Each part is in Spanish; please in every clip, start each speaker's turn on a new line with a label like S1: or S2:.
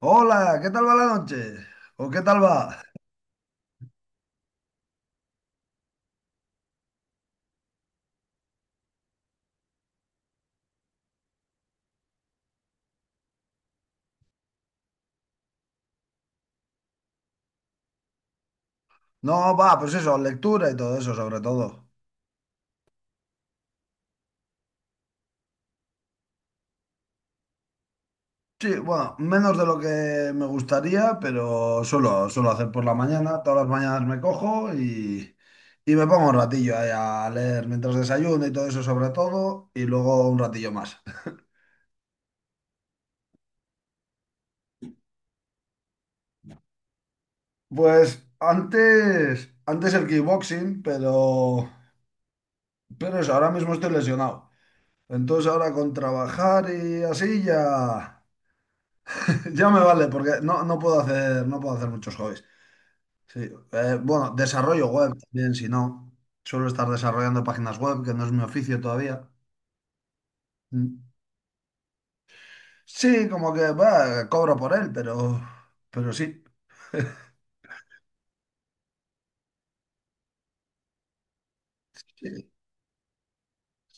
S1: Hola, ¿qué tal va la noche? ¿O qué tal va? No, va, pues eso, lectura y todo eso, sobre todo. Sí, bueno, menos de lo que me gustaría, pero suelo hacer por la mañana. Todas las mañanas me cojo y me pongo un ratillo ahí a leer mientras desayuno y todo eso, sobre todo, y luego un ratillo más. Pues antes el kickboxing, pero eso, ahora mismo estoy lesionado. Entonces ahora con trabajar y así ya. Ya me vale, porque no puedo hacer, no puedo hacer muchos hobbies. Sí. Bueno, desarrollo web también, si no. Suelo estar desarrollando páginas web, que no es mi oficio todavía. Mm. Sí, como que bah, cobro por él, pero sí. Sí,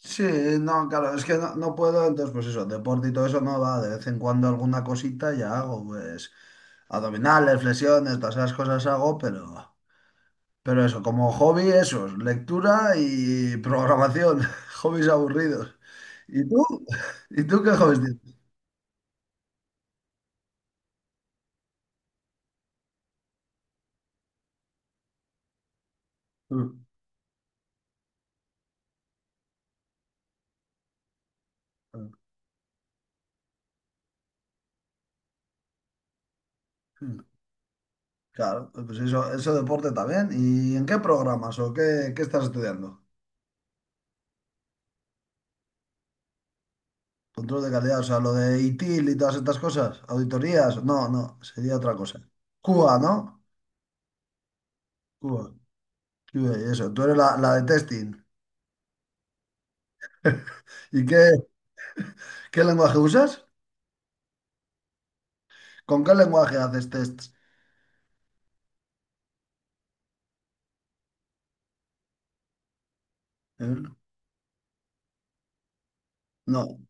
S1: sí, no, claro, es que no puedo, entonces pues eso, deporte y todo eso no va, de vez en cuando alguna cosita ya hago, pues abdominales, flexiones, todas esas cosas hago, pero eso, como hobby, eso, lectura y programación, hobbies aburridos. ¿Y tú? ¿Y tú qué hobbies tienes? Mm, mm. Claro, pues eso deporte también. ¿Y en qué programas o qué estás estudiando? Control de calidad, o sea, lo de ITIL y todas estas cosas, auditorías, no, no, sería otra cosa. Cuba, ¿no? Cuba, Cuba y eso, tú eres la de testing. ¿Y qué lenguaje usas? ¿Con qué lenguaje haces tests? ¿Eh? No.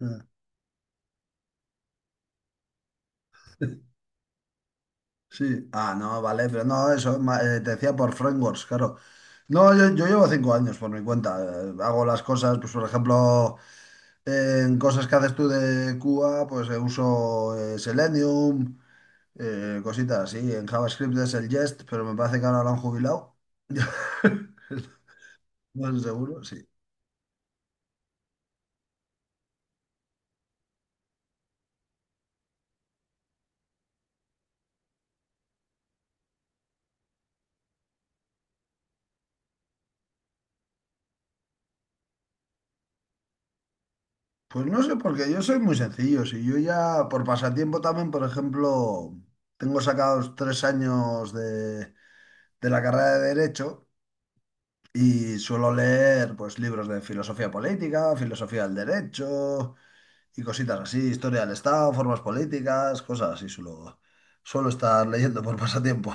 S1: Sí, ah, no, vale, pero no, eso te decía por frameworks, claro. No, yo llevo 5 años por mi cuenta. Hago las cosas, pues por ejemplo, en cosas que haces tú de Cuba, pues uso Selenium, cositas así. En JavaScript es el Jest, pero me parece que ahora lo han jubilado. No estoy seguro, sí. Pues no sé, porque yo soy muy sencillo. Si yo ya, por pasatiempo también, por ejemplo, tengo sacados 3 años de la carrera de Derecho. Y suelo leer pues libros de filosofía política, filosofía del derecho y cositas así, historia del Estado, formas políticas, cosas así suelo estar leyendo por pasatiempo.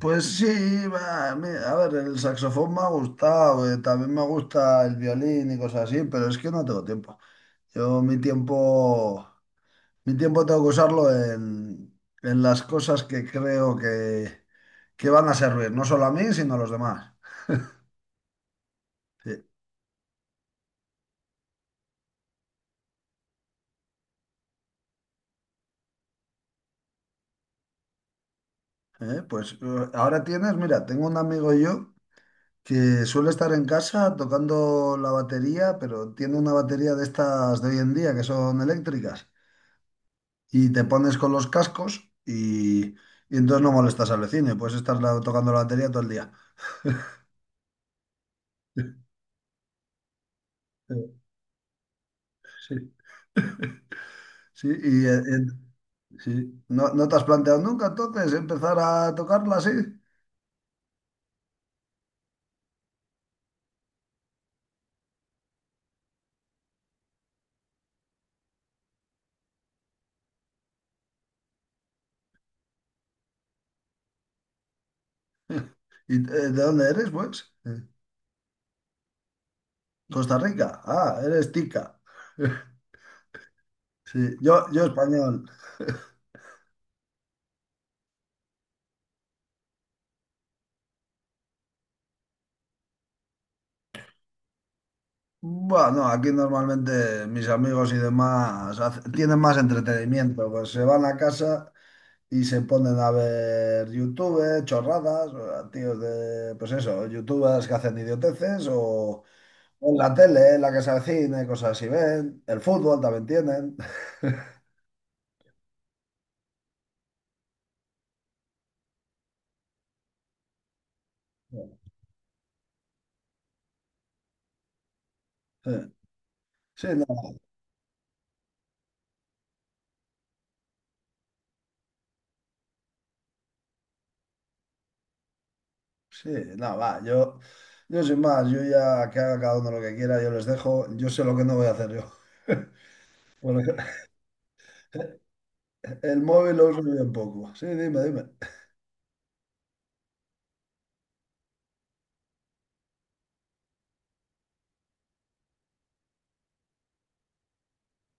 S1: Pues sí, va, mi- a ver, el saxofón me ha gustado, también me gusta el violín y cosas así, pero es que no tengo tiempo. Yo mi tiempo tengo que usarlo en las cosas que creo que van a servir, no solo a mí, sino a los demás. Sí. Ahora tienes, mira, tengo un amigo yo que suele estar en casa tocando la batería, pero tiene una batería de estas de hoy en día que son eléctricas y te pones con los cascos y entonces no molestas al vecino y puedes estar tocando la batería todo el día. Eh, sí, sí, y eh, eh, sí. ¿No, no te has planteado nunca entonces empezar a tocarla así? ¿Y de dónde eres, pues? Costa Rica. Ah, eres tica. Sí, yo español. Bueno, aquí normalmente mis amigos y demás tienen más entretenimiento, pues se van a casa y se ponen a ver YouTube, chorradas, o a tíos de, pues eso, youtubers que hacen idioteces o en la tele, en la casa de cine, cosas así ven, el fútbol también tienen. Sí, sí, no, sí, no, va, yo sin más, yo ya que haga cada uno lo que quiera, yo les dejo, yo sé lo que no voy a hacer yo. Por ejemplo. El móvil lo uso yo un poco. Sí, dime, dime.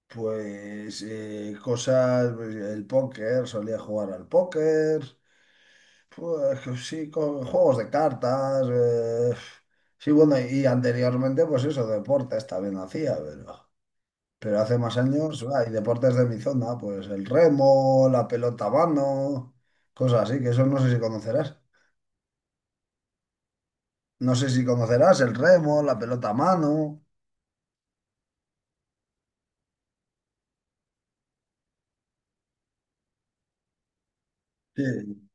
S1: Pues cosas, pues, el póker, solía jugar al póker, pues sí, co- juegos de cartas, sí, bueno, y anteriormente pues eso, deportes también hacía, pero hace más años, hay deportes de mi zona, pues el remo, la pelota a mano, cosas así, que eso no sé si conocerás. No sé si conocerás el remo, la pelota a mano. Sí.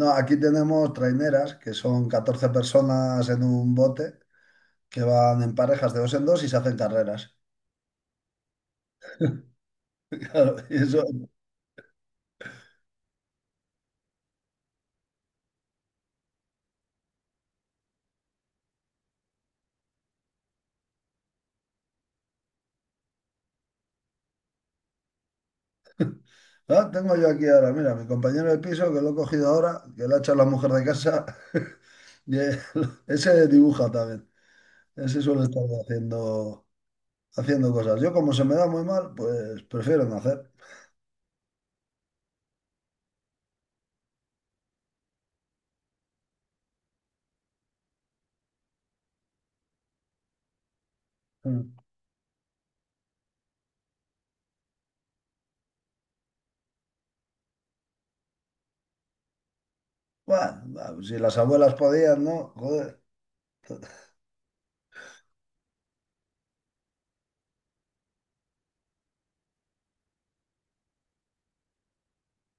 S1: No, aquí tenemos traineras, que son 14 personas en un bote, que van en parejas de dos en dos y se hacen carreras. Claro, y eso, ah, tengo yo aquí ahora, mira, mi compañero de piso, que lo he cogido ahora, que lo ha hecho la mujer de casa, y, eh, ese dibuja también. Ese suele estar haciendo cosas. Yo, como se me da muy mal, pues prefiero no hacer. Mm. Bueno, va, si las abuelas podían, ¿no?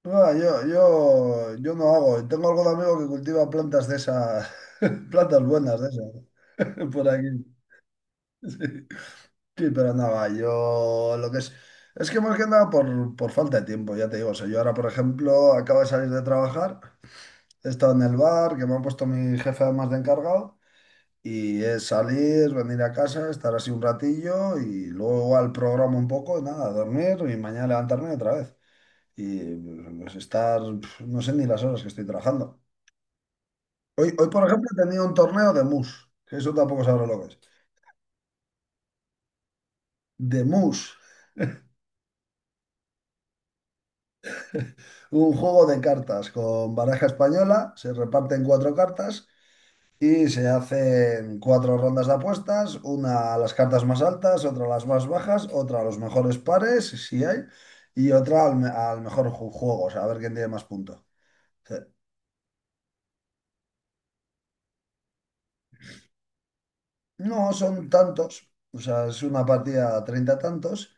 S1: No, yo no hago. Tengo algún amigo que cultiva plantas de esas, plantas buenas de esas, por aquí. Sí, sí, pero nada, yo lo que es que más que nada por falta de tiempo, ya te digo. O sea, yo ahora, por ejemplo, acabo de salir de trabajar, he estado en el bar, que me ha puesto mi jefe además de encargado, y es salir, venir a casa, estar así un ratillo y luego igual programa un poco, y nada, dormir y mañana levantarme otra vez. Y pues estar, pf, no sé ni las horas que estoy trabajando. Hoy, hoy, por ejemplo, he tenido un torneo de mus, que eso tampoco sabré lo que es. De mus, un juego de cartas con baraja española, se reparten 4 cartas y se hacen 4 rondas de apuestas, una a las cartas más altas, otra a las más bajas, otra a los mejores pares, si hay, y otra al, al mejor juego, o sea, a ver quién tiene más puntos. No, son tantos, o sea, es una partida 30 tantos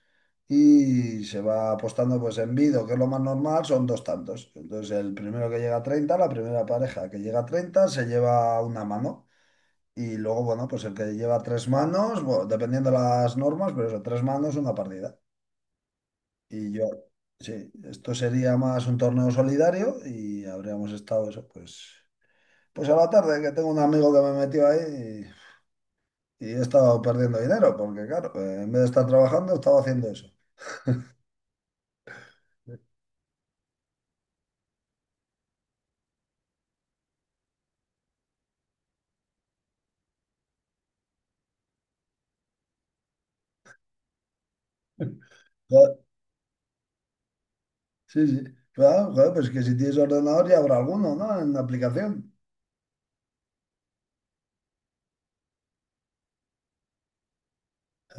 S1: y se va apostando pues en vido, que es lo más normal, son 2 tantos. Entonces el primero que llega a 30 la primera pareja que llega a 30 se lleva una mano y luego, bueno, pues el que lleva 3 manos, bueno, dependiendo las normas, pero eso, 3 manos, una partida. Y yo, sí, esto sería más un torneo solidario y habríamos estado eso, pues, pues a la tarde, que tengo un amigo que me metió ahí y he estado perdiendo dinero, porque claro, en vez de estar trabajando, he estado haciendo eso. Joder, sí, sí. Claro, joder, pues que si tienes ordenador ya habrá alguno, ¿no? En la aplicación.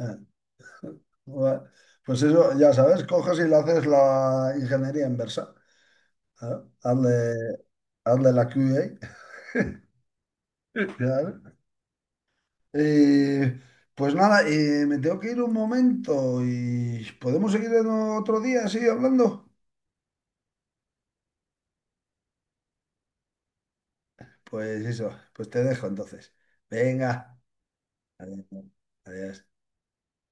S1: Eh, bueno, Pues eso, ya sabes, coges y le haces la ingeniería inversa. Claro, hazle, hazle la QA. Claro. Eh, pues nada, me tengo que ir un momento y podemos seguir en otro día así hablando. Pues eso, pues te dejo entonces. Venga. Adiós. Adiós.